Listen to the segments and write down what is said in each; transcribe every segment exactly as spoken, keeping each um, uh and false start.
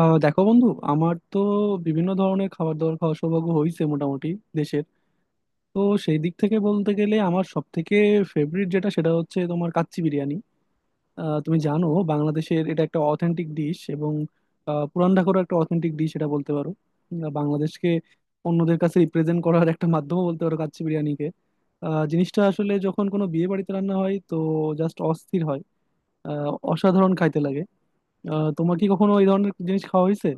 আহ দেখো বন্ধু, আমার তো বিভিন্ন ধরনের খাবার দাবার খাওয়ার সৌভাগ্য হয়েছে মোটামুটি দেশের। তো সেই দিক থেকে বলতে গেলে আমার সব থেকে ফেভারিট যেটা, সেটা হচ্ছে তোমার কাচ্চি বিরিয়ানি। আহ, তুমি জানো, বাংলাদেশের এটা একটা অথেন্টিক ডিশ, এবং আহ, পুরান ঢাকারও একটা অথেন্টিক ডিশ এটা বলতে পারো। আহ, বাংলাদেশকে অন্যদের কাছে রিপ্রেজেন্ট করার একটা মাধ্যমও বলতে পারো কাচ্চি বিরিয়ানিকে। আহ, জিনিসটা আসলে যখন কোনো বিয়ে বাড়িতে রান্না হয়, তো জাস্ট অস্থির হয়। আহ, অসাধারণ খাইতে লাগে। আহ, তোমার কি কখনো এই ধরনের জিনিস খাওয়া হয়েছে?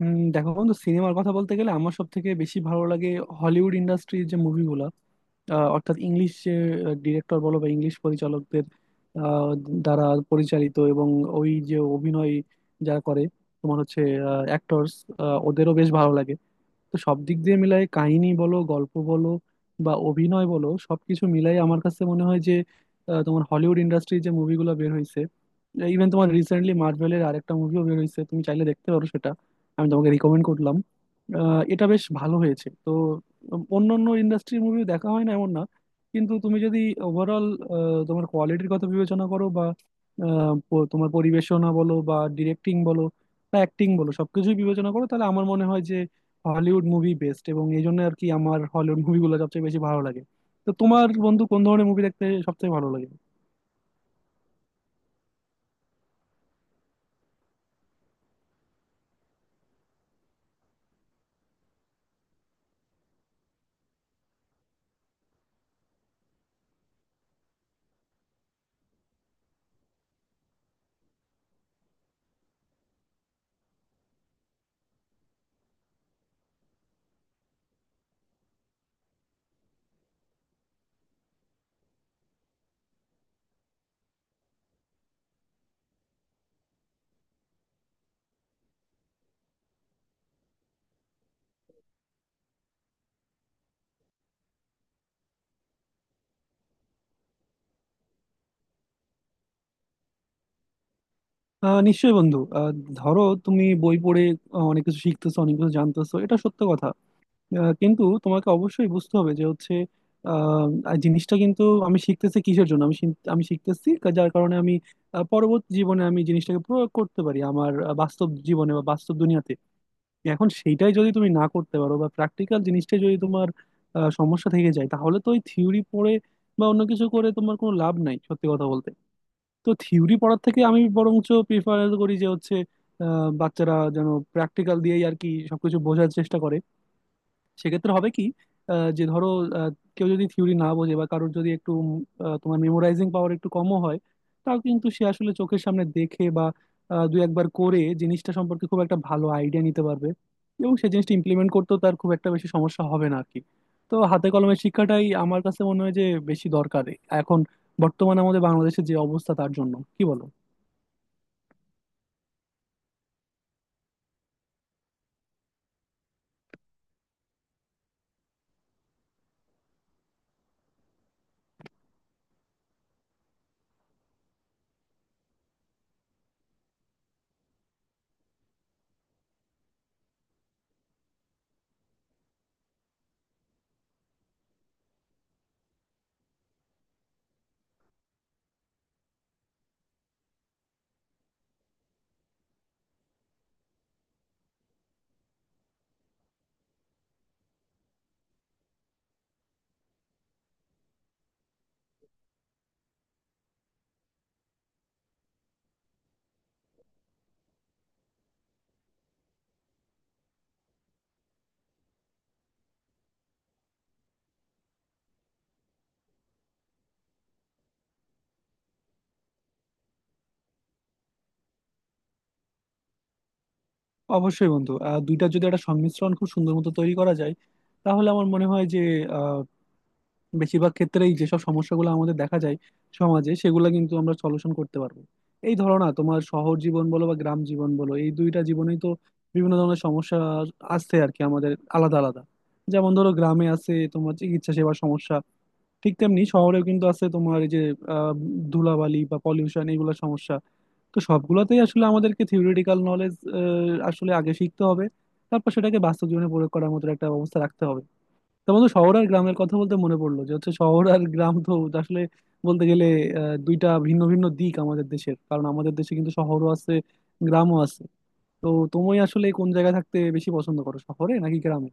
উম, দেখো বন্ধু, সিনেমার কথা বলতে গেলে আমার সব থেকে বেশি ভালো লাগে হলিউড ইন্ডাস্ট্রির যে মুভিগুলো, আহ, অর্থাৎ ইংলিশ ডিরেক্টর বলো বা ইংলিশ পরিচালকদের আহ, দ্বারা পরিচালিত। এবং ওই যে অভিনয় যারা করে, তোমার হচ্ছে অ্যাক্টরস, ওদেরও বেশ ভালো লাগে। তো সব দিক দিয়ে মিলাই কাহিনী বলো, গল্প বলো বা অভিনয় বলো, সবকিছু মিলাই আমার কাছে মনে হয় যে আহ, তোমার হলিউড ইন্ডাস্ট্রি যে মুভিগুলো বের হয়েছে, ইভেন তোমার রিসেন্টলি মার্ভেলের আরেকটা মুভিও বের হয়েছে, তুমি চাইলে দেখতে পারো সেটা, আমি তোমাকে রিকমেন্ড করলাম। আহ, এটা বেশ ভালো হয়েছে তো। অন্য অন্য ইন্ডাস্ট্রির মুভি দেখা হয় না এমন না, কিন্তু তুমি যদি ওভারঅল তোমার কোয়ালিটির কথা বিবেচনা করো বা আহ, প- তোমার পরিবেশনা বলো বা ডিরেক্টিং বলো বা অ্যাক্টিং বলো, সবকিছুই বিবেচনা করো, তাহলে আমার মনে হয় হলিউড মুভি বেস্ট। এবং এই জন্য আর কি আমার হলিউড মুভিগুলো সবচেয়ে বেশি ভালো লাগে। তো তোমার বন্ধু কোন ধরনের মুভি দেখতে সবচেয়ে ভালো লাগে? আহ নিশ্চয়ই বন্ধু, আহ, ধরো তুমি বই পড়ে আহ, অনেক কিছু শিখতেছো, অনেক কিছু জানতেছো, এটা সত্য কথা। আহ, কিন্তু তোমাকে অবশ্যই বুঝতে হবে যে হচ্ছে আহ, আর জিনিসটা কিন্তু আমি শিখতেছি কিসের জন্য? আমি শিখ- আমি শিখতেছি কা- যার কারণে আমি আহ, পরবর্তী জীবনে আমি জিনিসটাকে প্রয়োগ করতে পারি আমার আহ, বাস্তব জীবনে বা বাস্তব দুনিয়াতে। এখন সেইটাই যদি তুমি না করতে পারো বা প্র্যাকটিক্যাল জিনিসটা যদি তোমার আহ, সমস্যা থেকে যায়, তাহলে তো ওই থিওরি পড়ে বা অন্য কিছু করে তোমার কোনো লাভ নাই সত্যি কথা বলতে। তো থিওরি পড়ার থেকে আমি বরঞ্চ প্রিফার করি যে হচ্ছে আহ, বাচ্চারা যেন প্র্যাকটিক্যাল দিয়েই আর কি সবকিছু বোঝার চেষ্টা করে। সেক্ষেত্রে হবে কি আহ, যে ধরো আহ, কেউ যদি থিওরি না বোঝে বা কারোর যদি একটু উম, আহ, তোমার মেমোরাইজিং পাওয়ার একটু কমও হয়, তাও কিন্তু সে আসলে চোখের সামনে দেখে বা আহ, দুই একবার করে জিনিসটা সম্পর্কে খুব একটা ভালো আইডিয়া নিতে পারবে, এবং সেই জিনিসটা ইমপ্লিমেন্ট করতেও তার খুব একটা বেশি সমস্যা হবে না আর কি। তো হাতে কলমের শিক্ষাটাই আমার কাছে মনে হয় যে বেশি দরকার এখন, বর্তমানে আমাদের বাংলাদেশের যে অবস্থা, তার জন্য। কি বলো? অবশ্যই বন্ধু, আহ, দুইটা যদি একটা সংমিশ্রণ খুব সুন্দর মতো তৈরি করা যায়, তাহলে আমার মনে হয় যে বেশিরভাগ ক্ষেত্রেই যেসব সমস্যাগুলো আমাদের দেখা যায় সমাজে, সেগুলো কিন্তু আমরা সলিউশন করতে পারবো। এই ধরো না, তোমার শহর জীবন বলো বা গ্রাম জীবন বলো, এই দুইটা জীবনেই তো বিভিন্ন ধরনের সমস্যা আসছে আর কি আমাদের, আলাদা আলাদা। যেমন ধরো, গ্রামে আছে তোমার চিকিৎসা সেবার সমস্যা, ঠিক তেমনি শহরেও কিন্তু আছে তোমার এই যে আহ, ধুলাবালি বা পলিউশন, এইগুলো সমস্যা। তো সবগুলোতেই আসলে আমাদেরকে থিওরিটিক্যাল নলেজ আসলে আগে শিখতে হবে, তারপর সেটাকে বাস্তব জীবনে প্রয়োগ করার মতো একটা অবস্থা রাখতে হবে। তো বন্ধু, শহর আর গ্রামের কথা বলতে মনে পড়লো যে হচ্ছে শহর আর গ্রাম তো আসলে বলতে গেলে আহ, দুইটা ভিন্ন ভিন্ন দিক আমাদের দেশের। কারণ আমাদের দেশে কিন্তু শহরও আছে, গ্রামও আছে। তো তুমি আসলে কোন জায়গায় থাকতে বেশি পছন্দ করো, শহরে নাকি গ্রামে?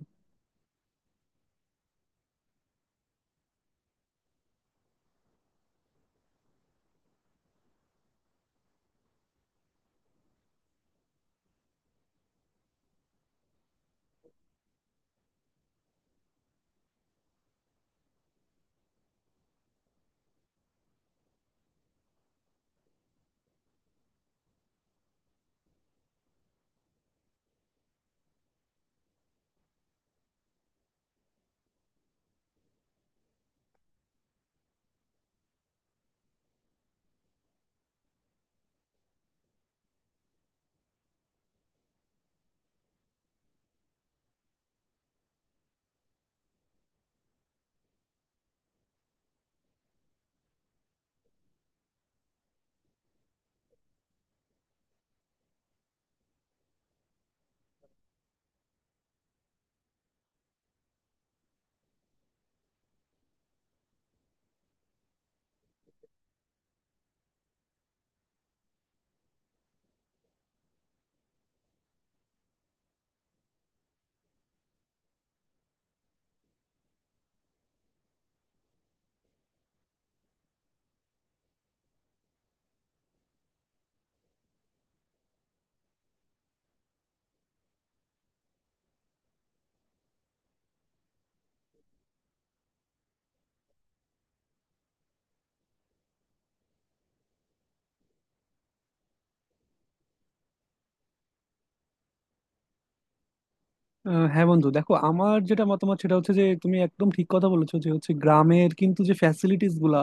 আহ হ্যাঁ বন্ধু, দেখো আমার যেটা মতামত সেটা হচ্ছে যে তুমি একদম ঠিক কথা বলেছো, যে হচ্ছে গ্রামের কিন্তু যে ফ্যাসিলিটিস গুলা,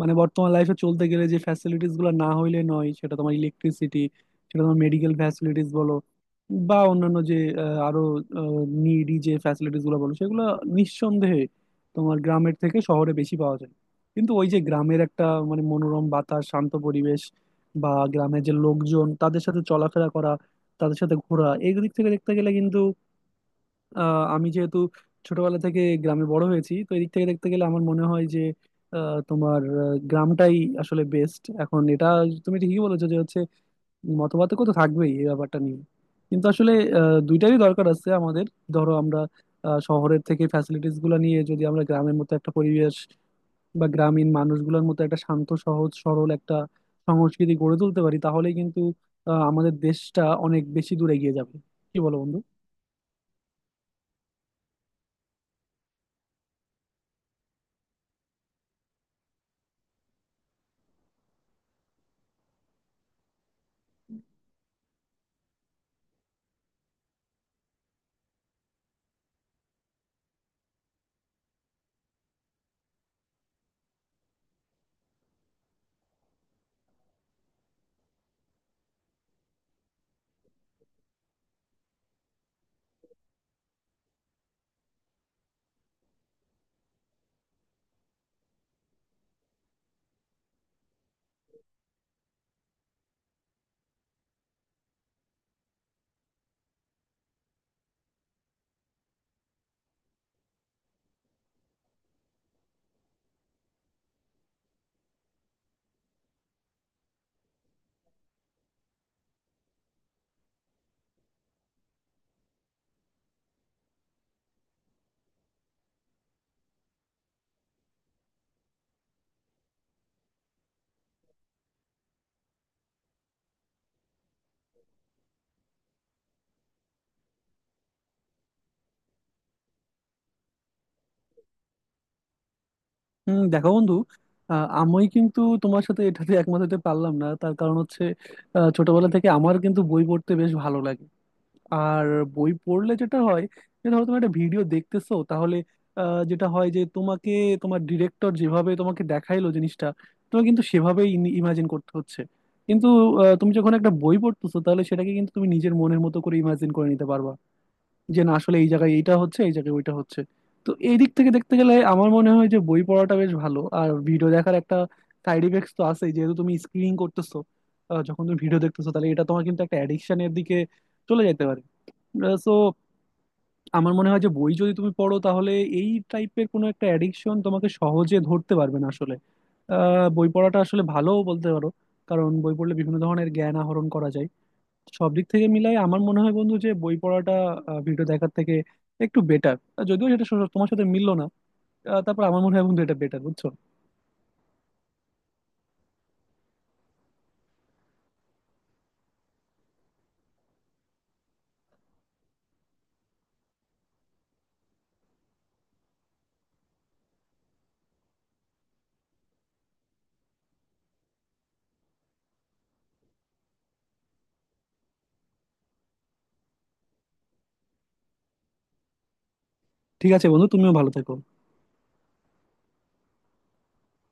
মানে বর্তমান লাইফে চলতে গেলে যে ফ্যাসিলিটিস গুলা না হইলে নয়, সেটা তোমার ইলেকট্রিসিটি, সেটা তোমার মেডিকেল ফ্যাসিলিটিস বলো বা অন্যান্য যে আহ, আরো নিডি যে ফ্যাসিলিটিস গুলো বলো, সেগুলো নিঃসন্দেহে তোমার গ্রামের থেকে শহরে বেশি পাওয়া যায়। কিন্তু ওই যে গ্রামের একটা মানে মনোরম বাতাস, শান্ত পরিবেশ, বা গ্রামের যে লোকজন তাদের সাথে চলাফেরা করা, তাদের সাথে ঘোরা, এই দিক থেকে দেখতে গেলে, আহ, আমি যেহেতু ছোটবেলা থেকে গ্রামে বড় হয়েছি, তো এদিক থেকে দেখতে গেলে আমার মনে হয় যে আহ, তোমার আহ, গ্রামটাই আসলে বেস্ট। এখন এটা তুমি ঠিকই বলেছো যে হচ্ছে মতপার্থক্য তো থাকবেই এই ব্যাপারটা নিয়ে, কিন্তু আসলে আহ, দুইটারই দরকার আছে আমাদের। ধরো আমরা আহ, শহরের থেকে ফ্যাসিলিটিস গুলো নিয়ে যদি আমরা গ্রামের মতো একটা পরিবেশ বা গ্রামীণ মানুষগুলোর মতো একটা শান্ত সহজ সরল একটা সংস্কৃতি গড়ে তুলতে পারি, তাহলেই কিন্তু আহ, আমাদের দেশটা অনেক বেশি দূরে এগিয়ে যাবে। কি বলো বন্ধু? হম, দেখো বন্ধু, আহ, আমি কিন্তু তোমার সাথে এটাতে একমত হতে পারলাম না। তার কারণ হচ্ছে আহ, ছোটবেলা থেকে আমার কিন্তু বই পড়তে বেশ ভালো লাগে। আর বই পড়লে যেটা হয়, যে ধরো তুমি একটা ভিডিও দেখতেছো, তাহলে আহ, যেটা হয় যে তোমাকে, তোমার ডিরেক্টর যেভাবে তোমাকে দেখাইলো জিনিসটা, তোমাকে কিন্তু সেভাবেই ইমাজিন করতে হচ্ছে। কিন্তু আহ, তুমি যখন একটা বই পড়তেছো, তাহলে সেটাকে কিন্তু তুমি নিজের মনের মতো করে ইমাজিন করে নিতে পারবা, যে না আসলে এই জায়গায় এইটা হচ্ছে, এই জায়গায় ওইটা হচ্ছে। তো এই দিক থেকে দেখতে গেলে আমার মনে হয় যে বই পড়াটা বেশ ভালো। আর ভিডিও দেখার একটা সাইড ইফেক্টস তো আছে, যেহেতু তুমি স্ক্রিনিং করতেছো। আহ, যখন তুমি ভিডিও দেখতেছো, তাহলে এটা তোমার কিন্তু একটা অ্যাডিকশনের দিকে চলে যেতে পারে। সো আমার মনে হয় যে বই যদি তুমি পড়ো, তাহলে এই টাইপের কোনো একটা অ্যাডিকশন তোমাকে সহজে ধরতে পারবে না আসলে। আহ, বই পড়াটা আসলে ভালোও বলতে পারো, কারণ বই পড়লে বিভিন্ন ধরনের জ্ঞান আহরণ করা যায়। সব দিক থেকে মিলাই আমার মনে হয় বন্ধু যে বই পড়াটা ভিডিও দেখার থেকে একটু বেটার। যদিও সেটা সো- তোমার সাথে মিললো না, আহ, তারপর আমার মনে হয় বন্ধু এটা বেটার। বুঝছো? ঠিক আছে বন্ধু, তুমিও ভালো থেকো।